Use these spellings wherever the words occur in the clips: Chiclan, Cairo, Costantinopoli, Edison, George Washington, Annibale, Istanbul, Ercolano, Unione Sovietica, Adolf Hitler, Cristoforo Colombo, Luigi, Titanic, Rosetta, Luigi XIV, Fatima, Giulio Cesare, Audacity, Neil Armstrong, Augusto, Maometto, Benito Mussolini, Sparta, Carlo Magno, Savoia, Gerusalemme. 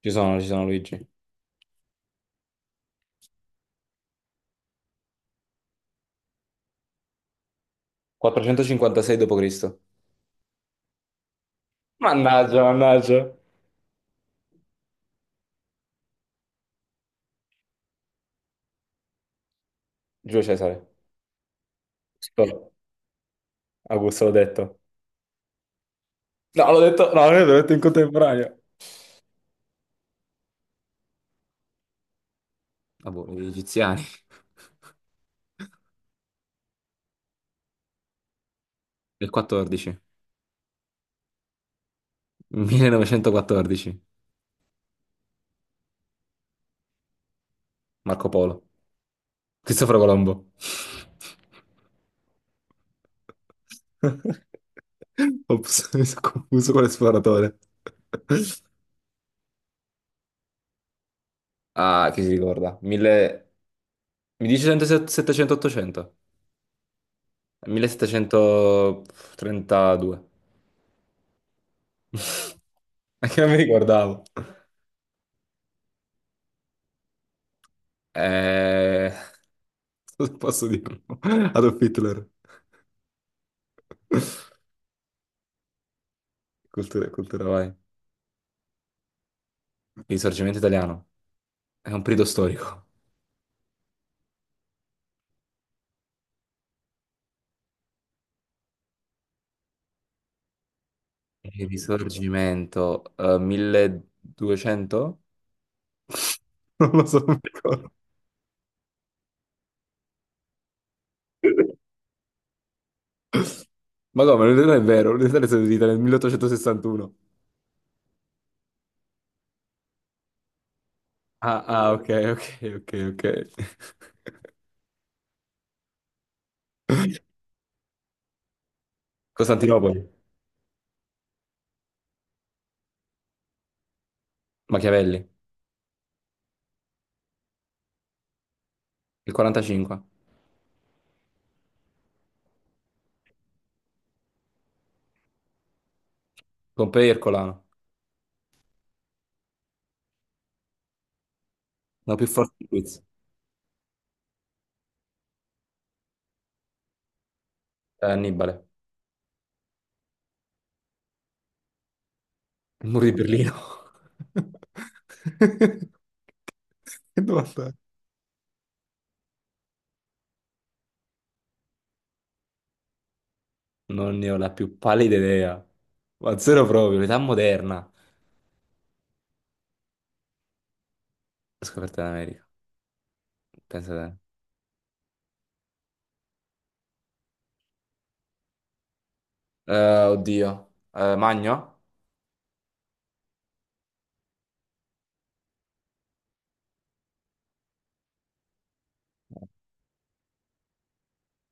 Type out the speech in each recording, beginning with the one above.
Ci sono Luigi. 456 d.C. Mannaggia, mannaggia. Giulio Cesare. Sto- Augusto l'ho detto. No, l'ho detto, no, l'ho detto in contemporanea. Ah, boh, gli egiziani. Del 14. 1914. Marco Polo. Cristoforo Colombo. Ops, mi sono confuso con l'esploratore. Ah, chi si ricorda? Mille. Mi dice 700-800? 1732. Anche a me guardavo. Eh, cosa posso dirlo? Adolf Hitler. Cultura, cultura, vai. Il risorgimento italiano. È un periodo storico. Il risorgimento, 1200? Non lo so, non mi ricordo. Ma come, non è vero, l'Italia è stata d'Italia nel 1861. Ah, ah, ok, ok, ok, ok. Costantinopoli, Machiavelli, il 45. Pompei e Ercolano. No, più forte di quiz. Annibale. Il muro di Berlino. Che domanda è? Non ne ho la più pallida idea. Ma zero proprio, l'età moderna. La scoperta dell'America. Pensa te. Oddio. Magno?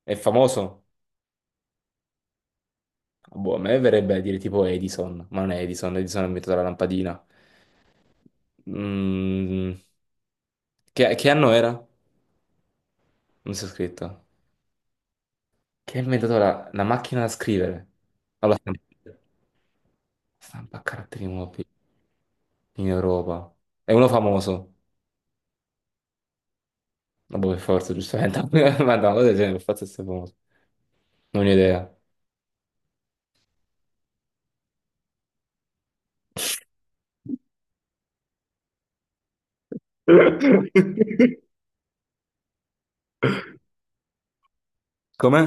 È famoso? Boh, a me verrebbe a dire tipo Edison, ma non è Edison, Edison ha inventato la lampadina. Mm, che anno era? Non si è scritto. Che ha inventato la macchina da scrivere? No, la stampa. Stampa a caratteri mobili. In Europa. È uno famoso. Vabbè, per forza, giustamente. Ma no, cosa del genere, per forza è famoso. Non ho idea. Com'è?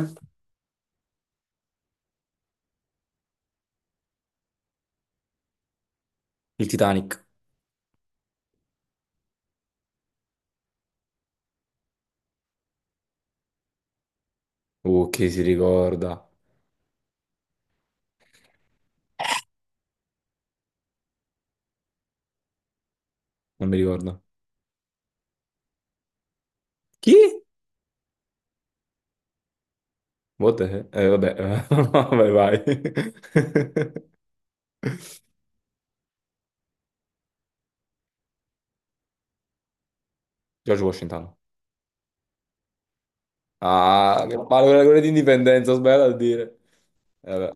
Il Titanic. Chi si ricorda? Non mi ricordo. Chi? What the hell? Vabbè, eh, vai, vai. George Washington. Ah, che palle quella di indipendenza, ho sbagliato a dire. Vabbè.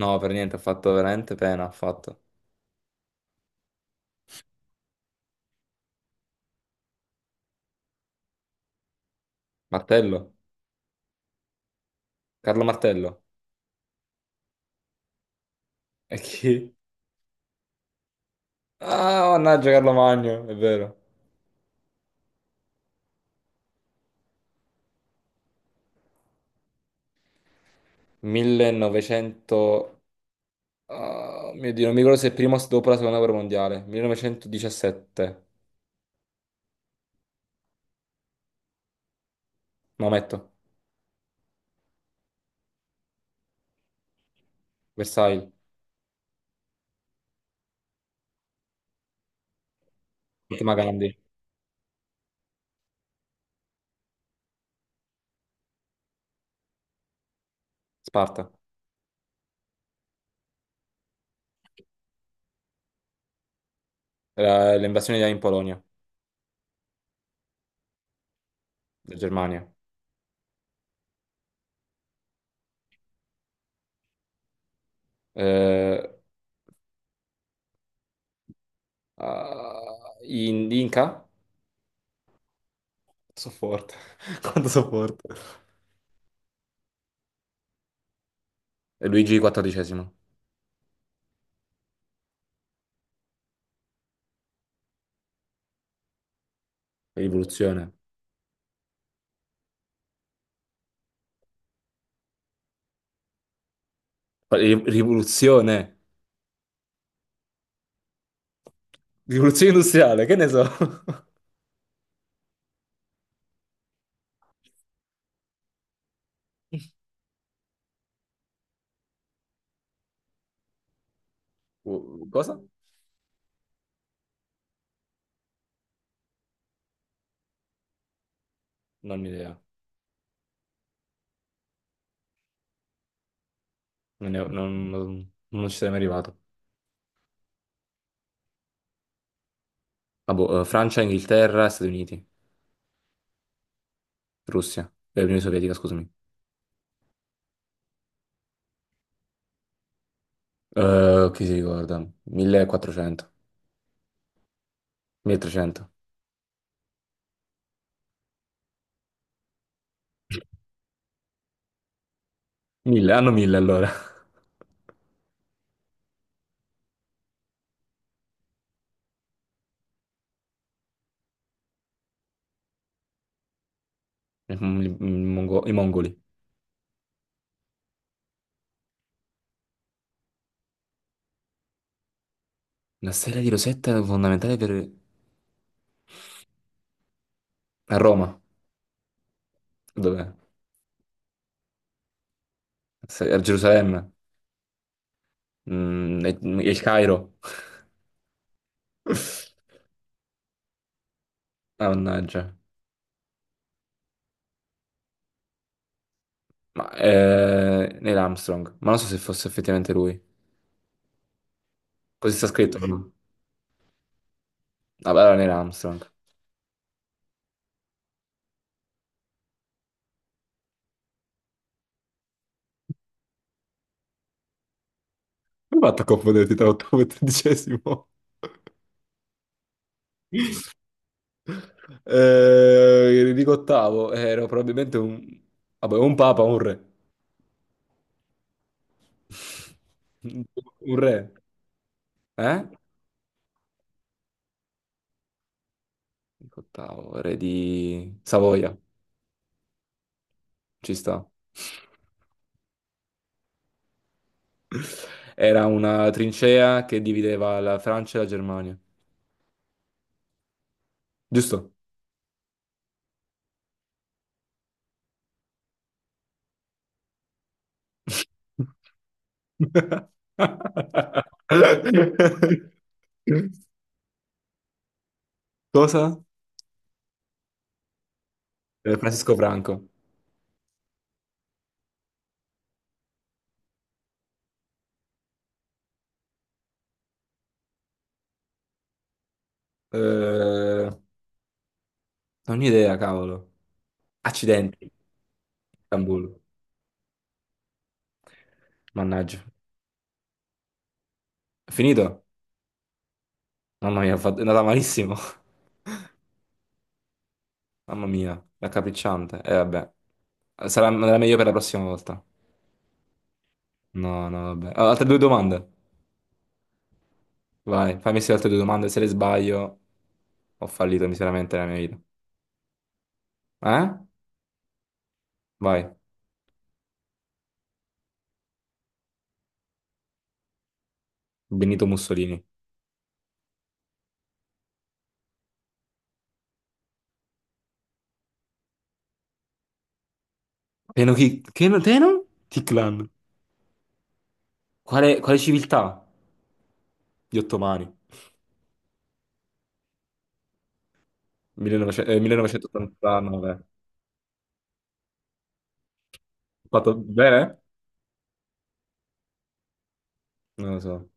No, per niente, ha fatto veramente pena, ha fatto. Martello? Carlo Martello? E chi? Ah, mannaggia Carlo Magno, è vero. 1900. Ah, mio Dio, non mi ricordo se è prima o dopo la seconda guerra mondiale. 1917. Maometto, Versailles, Fatima Gandhi, Sparta. Era l'invasione in Polonia, in Germania. Eh, ah, in Inca? So forte. Quanto so forte. E Luigi XIV. Rivoluzione. Rivoluzione. Rivoluzione industriale, che ne so? Cosa? Non ho idea. Non, ne ho- non- non- non ci sarei mai arrivato. Ah, boh, Francia, Inghilterra, Stati Uniti, Russia, Unione Sovietica, scusami. Chi si ricorda? 1400, 1300, 1000, hanno 1000 allora. I mongoli. Una serie di Rosetta è fondamentale per. A Roma, dov'è? A Gerusalemme, e il Cairo. Mannaggia. Ma, Neil Armstrong, ma non so se fosse effettivamente lui. Così sta scritto, però. Vabbè, allora Neil Armstrong. Come hai fatto a confonderti tra ottavo e tredicesimo? Dico ottavo, ero probabilmente un. Vabbè, un papa, un re. Un re. Eh? Dico ottavo, re di Savoia, ci sta. Era una trincea che divideva la Francia e la Germania. Giusto? Cosa? Francesco Franco. Eh, non ho idea, cavolo. Accidenti. Istanbul. Mannaggia. Finito? Mamma mia, è andata malissimo. Mamma mia, raccapricciante. E vabbè, sarà meglio per la prossima volta. No, no, vabbè. Ah, altre due domande. Vai, fammi sì altre due domande. Se le sbaglio, ho fallito miseramente nella mia vita. Eh? Vai. Benito Mussolini. Teno chi? Teno? Teno? Chiclan. Quale civiltà? Gli ottomani. 1900 1989. Ho fatto bene? Non lo so.